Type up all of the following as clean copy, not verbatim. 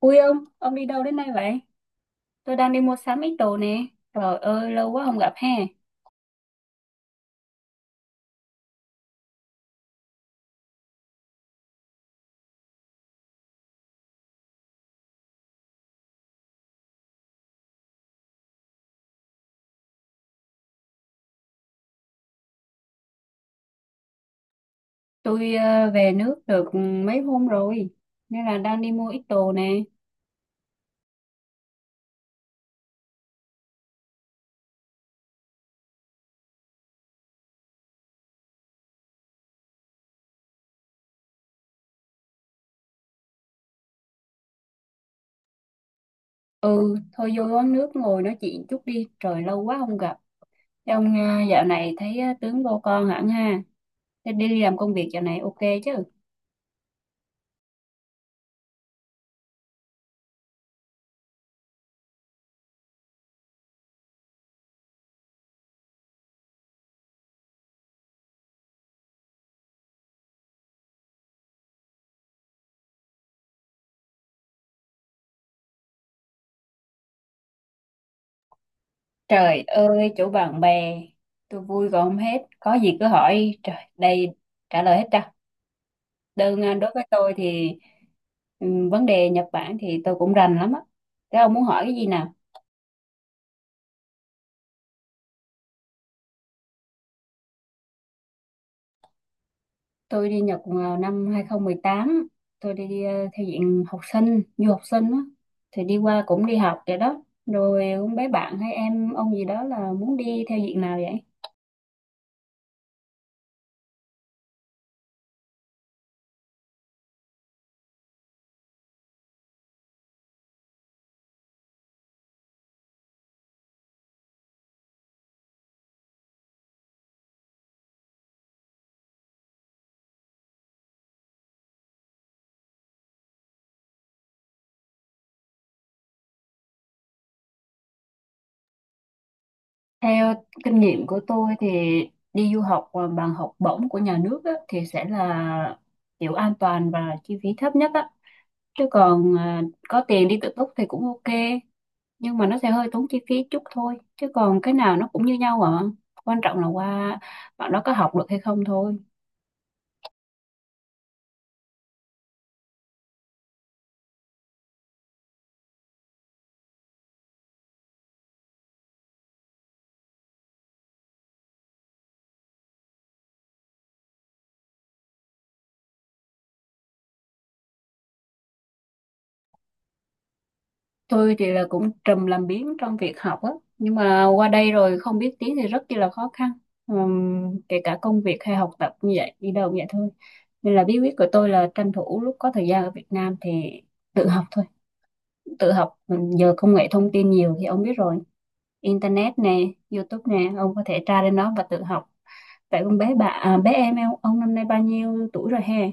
Ui ông đi đâu đến đây vậy? Tôi đang đi mua sắm ít đồ nè. Trời ơi, lâu quá không gặp ha. Tôi về nước được mấy hôm rồi, nên là đang đi mua ít đồ nè. Ừ, thôi vô quán nước ngồi nói chuyện chút đi. Trời, lâu quá không gặp. Thế ông dạo này thấy tướng vô con hẳn ha. Thế đi làm công việc dạo này ok chứ? Trời ơi, chỗ bạn bè, tôi vui còn không hết. Có gì cứ hỏi. Trời, đây trả lời hết trơn. Đối với tôi thì vấn đề Nhật Bản thì tôi cũng rành lắm á. Thế ông muốn hỏi cái gì nào? Tôi đi Nhật vào năm 2018, tôi đi theo diện học sinh, du học sinh á. Thì đi qua cũng đi học vậy đó. Rồi cũng bé bạn hay em ông gì đó là muốn đi theo diện nào vậy? Theo kinh nghiệm của tôi thì đi du học mà bằng học bổng của nhà nước á, thì sẽ là kiểu an toàn và chi phí thấp nhất á. Chứ còn có tiền đi tự túc thì cũng ok. Nhưng mà nó sẽ hơi tốn chi phí chút thôi, chứ còn cái nào nó cũng như nhau à, quan trọng là qua bạn đó có học được hay không thôi. Tôi thì là cũng trùm làm biếng trong việc học á, nhưng mà qua đây rồi không biết tiếng thì rất chi là khó khăn. Kể cả công việc hay học tập như vậy đi đâu cũng vậy thôi, nên là bí quyết của tôi là tranh thủ lúc có thời gian ở Việt Nam thì tự học thôi. Tự học. Mình giờ công nghệ thông tin nhiều thì ông biết rồi, internet nè, YouTube nè, ông có thể tra lên đó và tự học. Vậy con bé bà à, bé em ông năm nay bao nhiêu tuổi rồi he?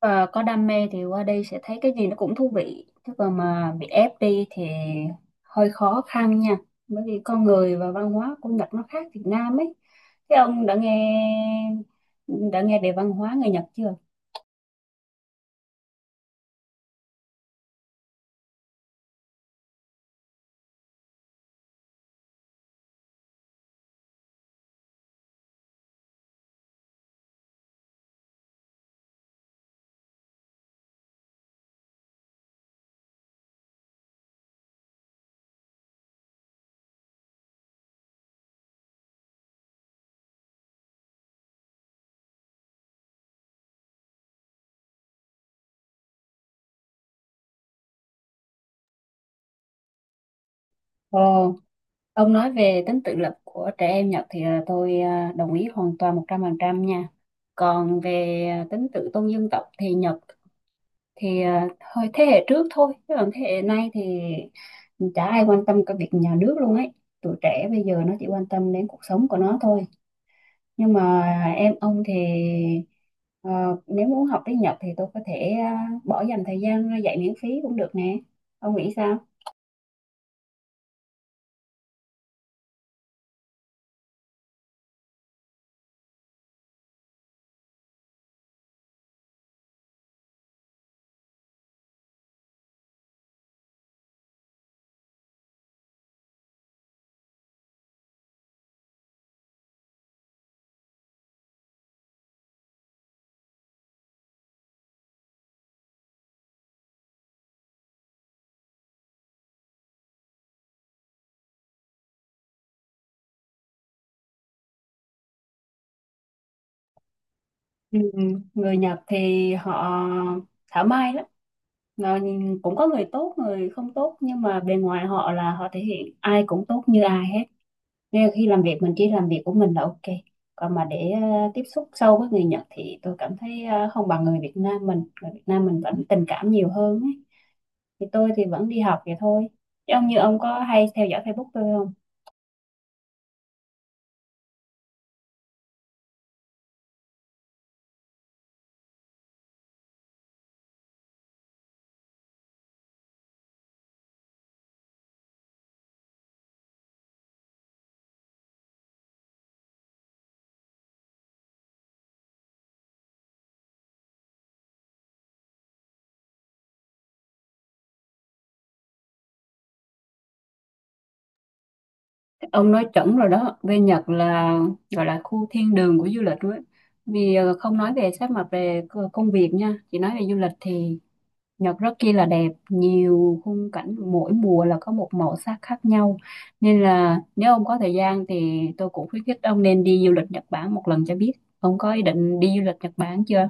Và có đam mê thì qua đây sẽ thấy cái gì nó cũng thú vị, chứ còn mà bị ép đi thì hơi khó khăn nha. Bởi vì con người và văn hóa của Nhật nó khác Việt Nam ấy. Thế ông đã nghe về văn hóa người Nhật chưa? Ồ, ông nói về tính tự lập của trẻ em Nhật thì tôi đồng ý hoàn toàn 100% nha. Còn về tính tự tôn dân tộc thì Nhật thì thôi thế hệ trước thôi, chứ còn thế hệ nay thì chả ai quan tâm cái việc nhà nước luôn ấy. Tụi trẻ bây giờ nó chỉ quan tâm đến cuộc sống của nó thôi. Nhưng mà em ông thì ờ, nếu muốn học tiếng Nhật thì tôi có thể bỏ dành thời gian ra dạy miễn phí cũng được nè. Ông nghĩ sao? Ừ, người Nhật thì họ thảo mai lắm. Ờ, cũng có người tốt người không tốt, nhưng mà bề ngoài họ là họ thể hiện ai cũng tốt như ai hết, nên là khi làm việc mình chỉ làm việc của mình là ok. Còn mà để tiếp xúc sâu với người Nhật thì tôi cảm thấy không bằng Người Việt Nam mình vẫn tình cảm nhiều hơn ấy. Thì tôi thì vẫn đi học vậy thôi, chứ ông, như ông, có hay theo dõi Facebook tôi không? Ông nói chuẩn rồi đó, bên Nhật là gọi là khu thiên đường của du lịch luôn ấy. Vì không nói về sát mặt về công việc nha, chỉ nói về du lịch thì Nhật rất kia là đẹp, nhiều khung cảnh, mỗi mùa là có một màu sắc khác nhau. Nên là nếu ông có thời gian thì tôi cũng khuyến khích ông nên đi du lịch Nhật Bản một lần cho biết. Ông có ý định đi du lịch Nhật Bản chưa?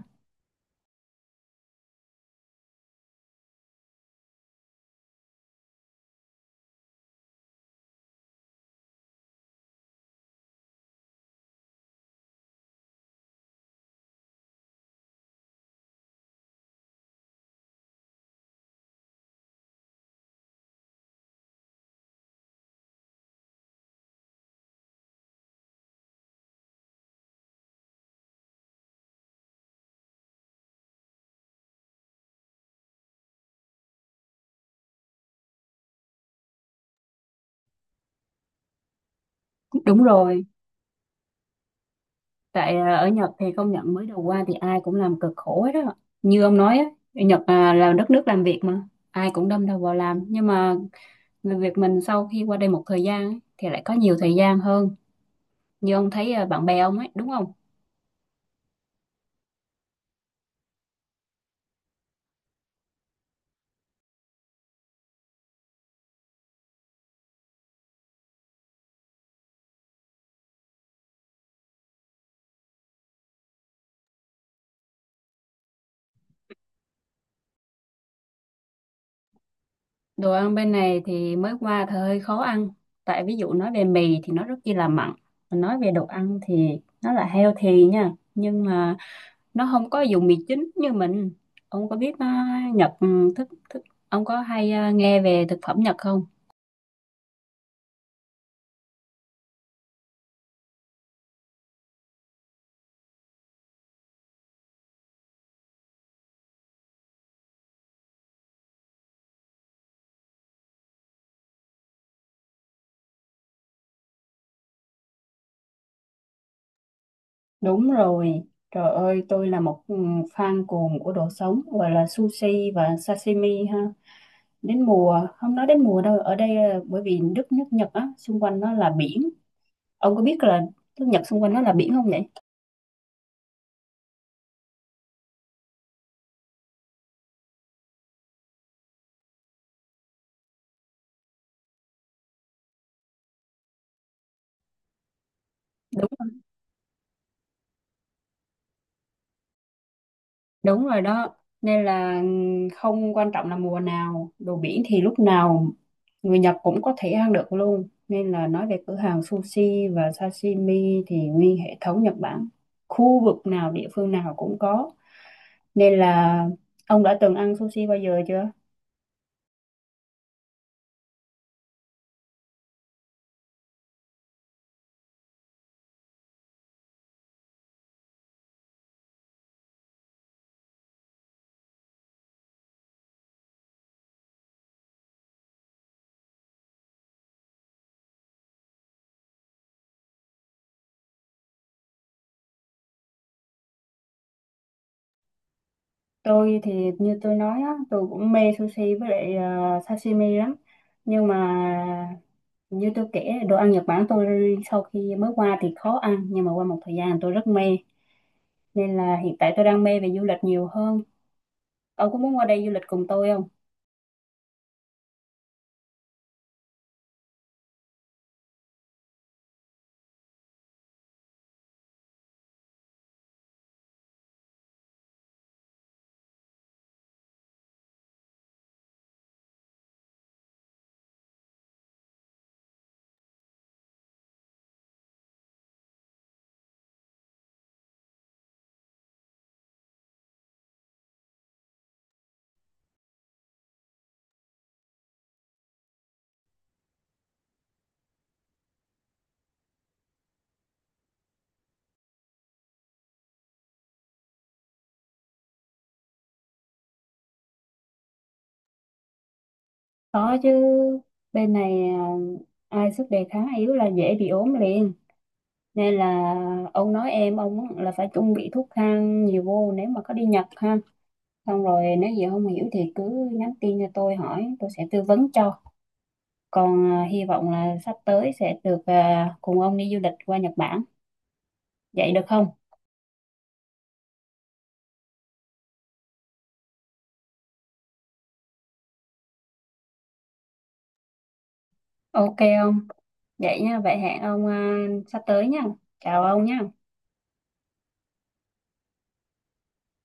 Đúng rồi. Tại ở Nhật thì công nhận mới đầu qua thì ai cũng làm cực khổ hết đó. Như ông nói á, ở Nhật là đất nước làm việc mà, ai cũng đâm đầu vào làm. Nhưng mà người Việt mình sau khi qua đây một thời gian ấy, thì lại có nhiều thời gian hơn. Như ông thấy bạn bè ông ấy, đúng không? Đồ ăn bên này thì mới qua thì hơi khó ăn. Tại ví dụ nói về mì thì nó rất chi là mặn. Mà nói về đồ ăn thì nó là healthy nha. Nhưng mà nó không có dùng mì chính như mình. Ông có biết Nhật thức thức ông có hay nghe về thực phẩm Nhật không? Đúng rồi, trời ơi tôi là một fan cuồng của đồ sống gọi là sushi và sashimi ha. Đến mùa, không nói đến mùa đâu, ở đây bởi vì đất nước Nhật á, xung quanh nó là biển. Ông có biết là nước Nhật xung quanh nó là biển không vậy? Đúng rồi đó, nên là không quan trọng là mùa nào, đồ biển thì lúc nào người Nhật cũng có thể ăn được luôn. Nên là nói về cửa hàng sushi và sashimi thì nguyên hệ thống Nhật Bản, khu vực nào, địa phương nào cũng có. Nên là ông đã từng ăn sushi bao giờ chưa? Tôi thì như tôi nói á, tôi cũng mê sushi với lại sashimi lắm. Nhưng mà như tôi kể, đồ ăn Nhật Bản tôi sau khi mới qua thì khó ăn. Nhưng mà qua một thời gian tôi rất mê. Nên là hiện tại tôi đang mê về du lịch nhiều hơn. Ông có muốn qua đây du lịch cùng tôi không? Có chứ. Bên này à, ai sức đề kháng yếu là dễ bị ốm liền. Nên là ông nói em, ông là phải chuẩn bị thuốc thang nhiều vô nếu mà có đi Nhật ha. Xong rồi nếu gì không hiểu thì cứ nhắn tin cho tôi hỏi, tôi sẽ tư vấn cho. Còn hy vọng là sắp tới sẽ được cùng ông đi du lịch qua Nhật Bản. Vậy được không? Ok ông, vậy nha, vậy hẹn ông sắp tới nha. Chào ông nha.